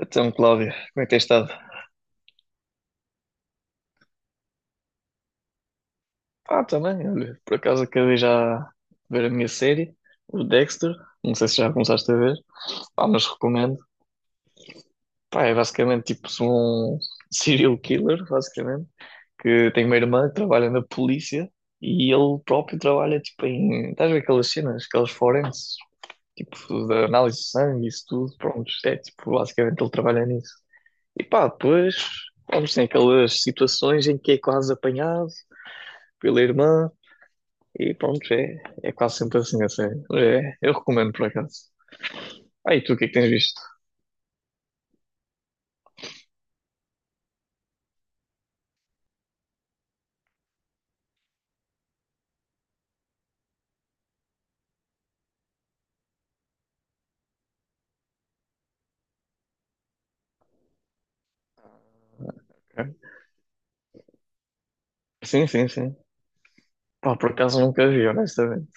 Então, Cláudia, como é que tens estado? Ah, também, olha, por acaso acabei já de ver a minha série, o Dexter, não sei se já começaste a ver, ah, mas recomendo. Pá, é basicamente tipo um serial killer, basicamente, que tem uma irmã que trabalha na polícia e ele próprio trabalha tipo em, estás a ver aquelas cenas, aquelas forenses, tipo da análise de sangue, isso tudo, pronto, é tipo, basicamente ele trabalha nisso. E pá, depois, vamos, tem aquelas situações em que é quase apanhado pela irmã. E pronto, é quase sempre assim, a sério. É, eu recomendo por acaso. Ah, e tu o que é que tens visto? Ok. Sim, sim, sim. Pá, por acaso nunca vi, honestamente.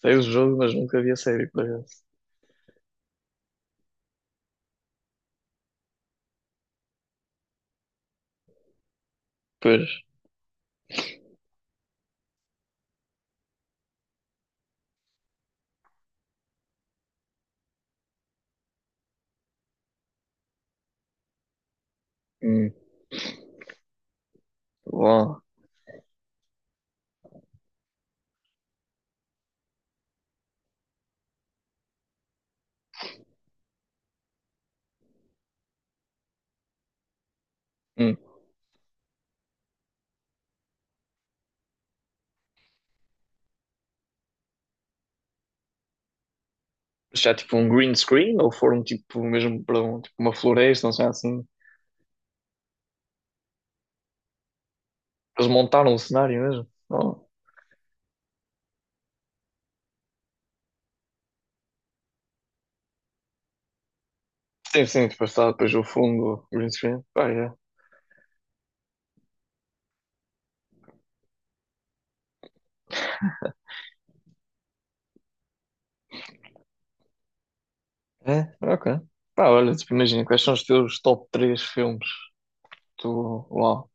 Sei o jogo, mas nunca vi a série, por acaso. Pois, hum, bom. Hum. Já tipo um green screen ou foram tipo mesmo para um, tipo, uma floresta, não sei assim. Eles montaram um cenário mesmo. Oh. Sim, sim, depois está depois o fundo, green screen. Pá, é. É, ok. Pá, olha, tipo, imagina, quais são os teus top 3 filmes? Tu, uau.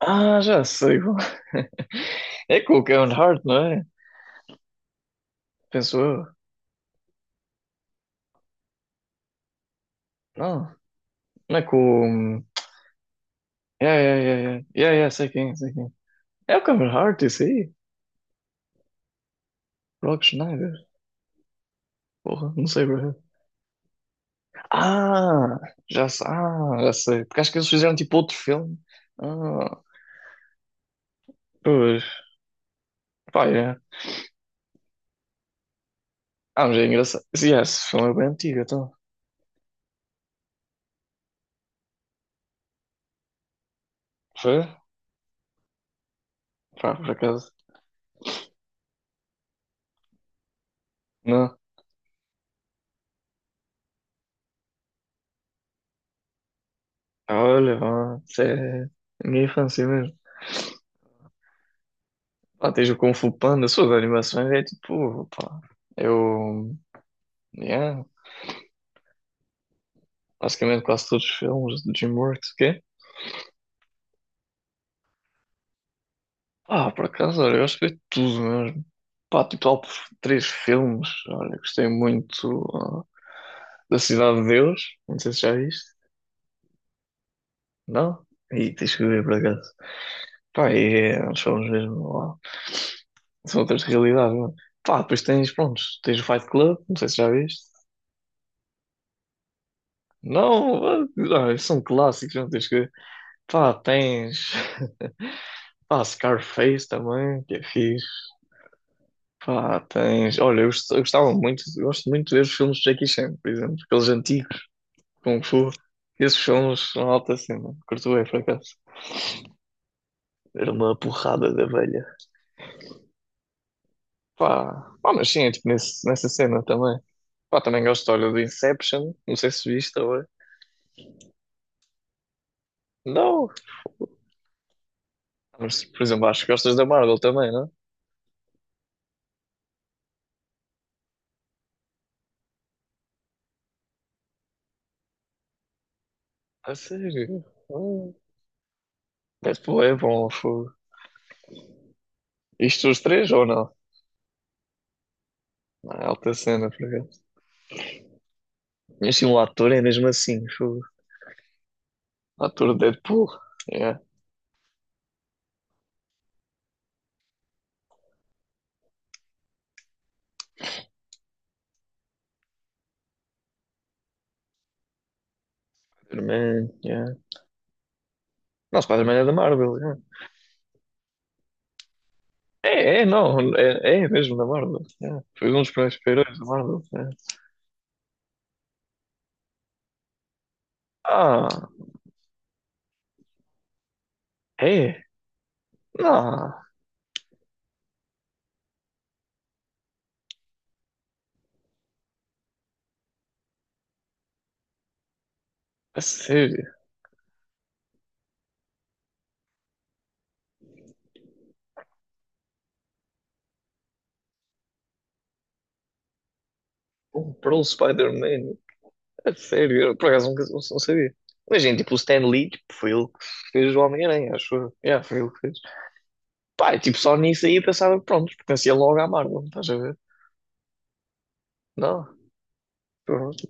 Ah, já sei. Qual- É com o Kevin Hart, não é? Penso eu. Não, não é com. É, é, é, é. É, é, sei quem, sei quem. É o Kevin Hart, isso aí. Rock Schneider. Porra, não sei, bro. Ah, já sei. Ah, já sei. Porque acho que eles fizeram tipo outro filme. Ah, pois. Pá, é. Ah, mas é engraçado. Sim, é, esse filme é bem antigo, então. Foi? Pá, por acaso. Não. Olha, mano, isso é a minha infância mesmo. Pá, tens o Kung Fu Panda, suas animações é tipo, pá, eu, yeah, basicamente quase todos os filmes do DreamWorks, que é? Ah, por acaso, olha, eu gosto de ver tudo mesmo. Pá, tipo, lá três filmes, olha, gostei muito ah, da Cidade de Deus, não sei se já viste, não? E tens que ver por acaso. Pá, e é, uns filmes mesmo, ó, são outras realidades, mano. Pá, depois tens, pronto, tens o Fight Club, não sei se já viste. Não, ah, ah, são clássicos, não tens que ver. Pá, tens. Pá, Scarface também, que é fixe. Pá, tens. Olha, eu gostava muito, eu gosto muito de ver os filmes de Jackie Chan, por exemplo, aqueles antigos, Kung Fu. Esses filmes são alta cena, curto bem, por acaso. Era uma porrada de abelha. Pá, pá, mas sim, é tipo nessa cena também. Pá, também gosto, olha, do Inception, não sei se viste agora. Não, mas por exemplo, acho que gostas da Marvel também, não? A sério? Ah, Deadpool é bom, fogo. Isto os três ou não? Ah, alta cena, por acaso. Mas sim, o ator é mesmo assim. Fogo. O ator de Deadpool. Yeah. Spider-Man. Yeah. Não, Spider-Man é da Marvel. Yeah. É, é, não. É, é mesmo da Marvel. Yeah. Foi um dos primeiros heróis da Marvel. Yeah. Ah, é. Não, a sério. Comprou o Spider-Man. A sério. Eu, por acaso nunca- não, não sabia. Mas, gente, tipo, o Stan Lee, tipo, foi ele que fez o Homem-Aranha, acho eu. Yeah, foi ele que fez. Pá, e, tipo, só nisso aí eu pensava, pronto, pertencia logo à Marvel, estás a ver? Não. Pronto.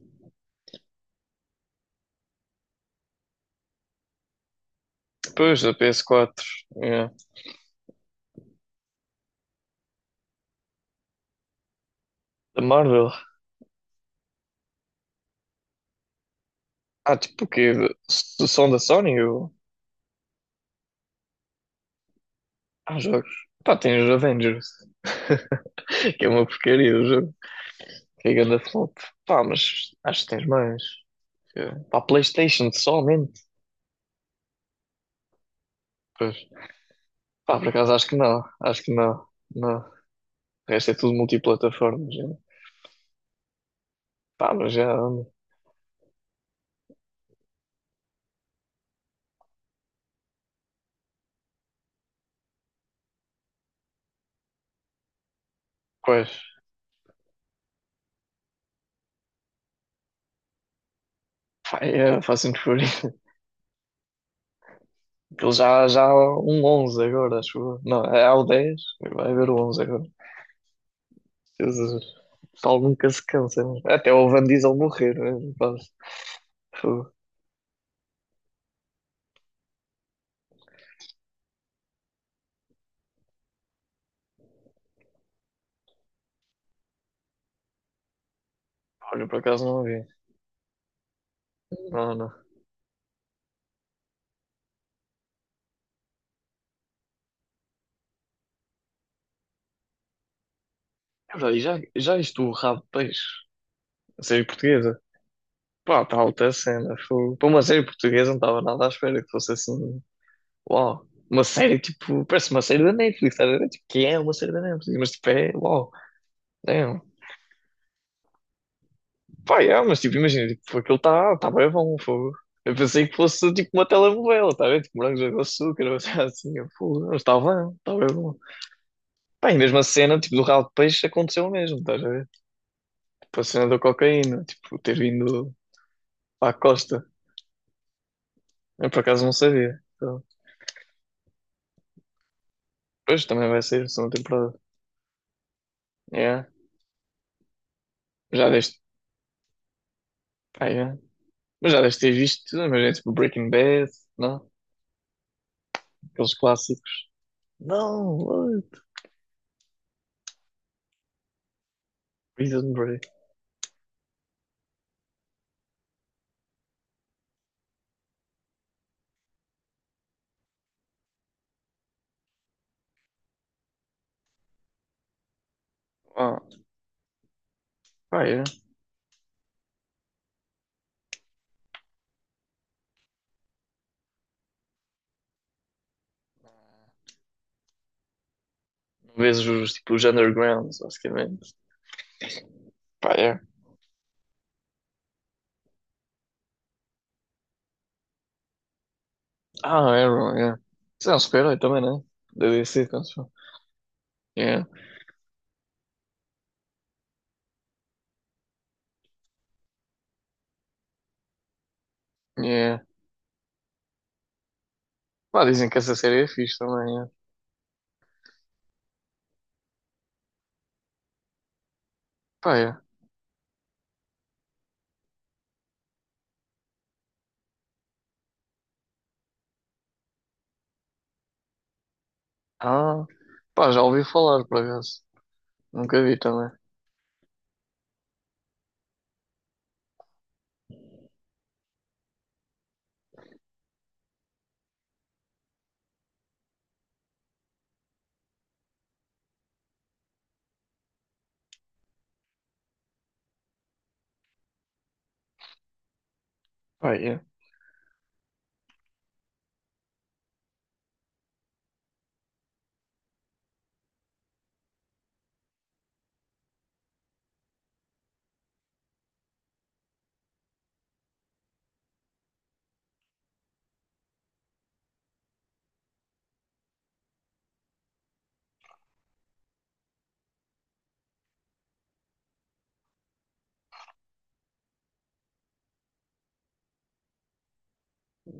Depois da PS4. Yeah. Da Marvel? Ah, tipo o quê? Se são da Sony? Ou... Há jogos. Pá, tem os Avengers. Que é uma porcaria o jogo. Que é ganda flop. Pá, mas acho que tens mais. Que- é, pá, PlayStation somente. Pois. Pá, por acaso acho que não. Acho que não. Não. O resto é tudo multiplataformas. Né? Pá, mas já. Pois. Pá, é Assassin's Creed. Aquilo já, já há um 11 agora, acho eu. Não, é há o 10. Vai haver o 11 agora. Jesus. O pessoal nunca se cansa. Né? Até o Van Diesel morrer, né? Rapaz, fogo. Olha, por acaso não vi. Não, não. É verdade, e já, já isto o Rabo de Peixe, a série portuguesa. Pá, está alta a cena. Fogo. Para uma série portuguesa não estava nada à espera que fosse assim. Uau. Uma série tipo, parece uma série da Netflix, estás a ver? Tipo, que é uma série da Netflix, mas tipo, é, uau, damn. Pá, é, mas tipo, imagina, tipo, aquilo está tá bem bom, fogo. Eu pensei que fosse tipo uma telenovela, tá a ver? Tipo, morangos com açúcar, ou seja, assim, eu, fogo, não, está bem bom. Pá, e mesmo a cena, tipo, do ralo de peixe aconteceu o mesmo, estás a ver? Tipo, a cena da cocaína, tipo, ter vindo à costa. Eu, por acaso, não sabia. Então, pois, também vai ser a segunda temporada. Yeah. Já deste, pá, yeah. Mas já deste ter visto, imagina, tipo, Breaking Bad, não? Aqueles clássicos. Não, oi, Prison Break. Ah, pá, yeah. Vês os, tipo, os undergrounds, basicamente. Pá, yeah. Ah, Arrow, yeah. Isso é um super-herói também, né? Da DC, então, se for. Yeah, yeah. Pá, dizem que essa série é fixe também, yeah. Pá, yeah. Ah, pá, já ouvi falar, por acaso. Nunca vi também. Pá, é.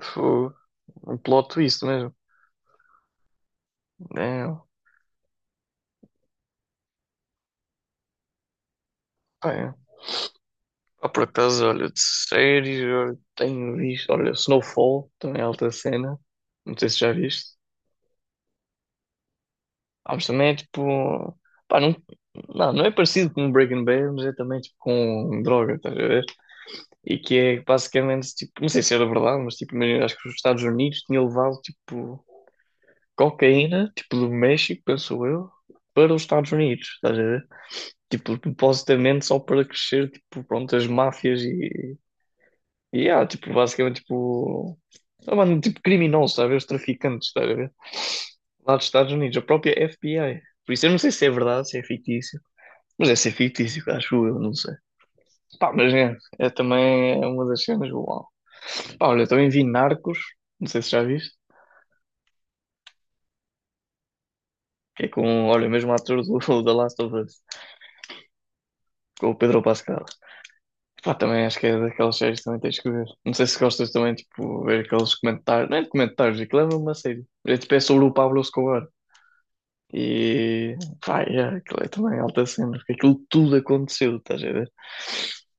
Fogo. Um plot twist mesmo. É, pá, é. Ah, por acaso, olha, de séries, eu tenho visto. Olha, Snowfall, também é alta cena. Não sei se já viste. Ah, mas também é tipo. Pá, não, não é parecido com Breaking Bad, mas é também tipo com droga, estás a ver? E que é basicamente tipo. Não sei se era verdade, mas tipo, imagina, acho que os Estados Unidos tinham levado tipo. Cocaína, tipo do México, penso eu, para os Estados Unidos, estás a ver? Tipo, supostamente só para crescer, tipo, pronto, as máfias e ah, tipo, basicamente, tipo, ah, mano, tipo, criminosos, estás a ver? Os traficantes, estás a ver? Lá dos Estados Unidos, a própria FBI. Por isso eu não sei se é verdade, se é fictício, mas é ser fictício, acho eu, não sei. Pá, é também é uma das cenas, uau. Pá, olha, eu também vi Narcos, não sei se já viste, que é com, olha, o mesmo ator do, da Last of Us, com o Pedro Pascal. Pá, também acho que é daquelas séries que também tens que ver. Não sei se gostas também, tipo, ver aqueles comentários. Não é de comentários, aquilo é mesmo uma série. É, tipo, é sobre o Pablo Escobar. E, pá, é, aquilo é também alta cena, porque aquilo tudo aconteceu, estás a ver?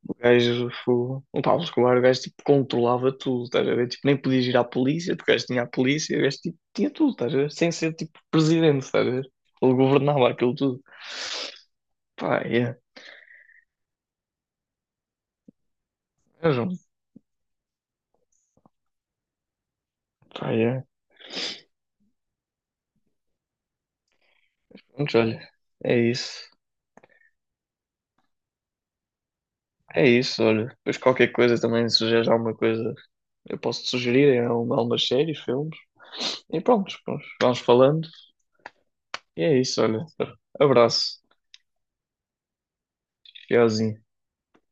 O gajo, fo- o Pablo Escobar, o gajo, tipo, controlava tudo, estás a ver? Tipo, nem podias ir à polícia, porque o gajo tinha a polícia, o gajo, tipo, tinha tudo, estás a ver? Sem ser, tipo, presidente, estás a ver? Ele governava aquilo tudo. Pá, é, mesmo, pá, é. Mas olha, é isso. É isso, olha. Depois qualquer coisa também, se sugeres alguma coisa, eu posso te sugerir em algumas séries, filmes. E pronto, pronto, vamos falando. E é isso, olha. Abraço. Tchauzinho.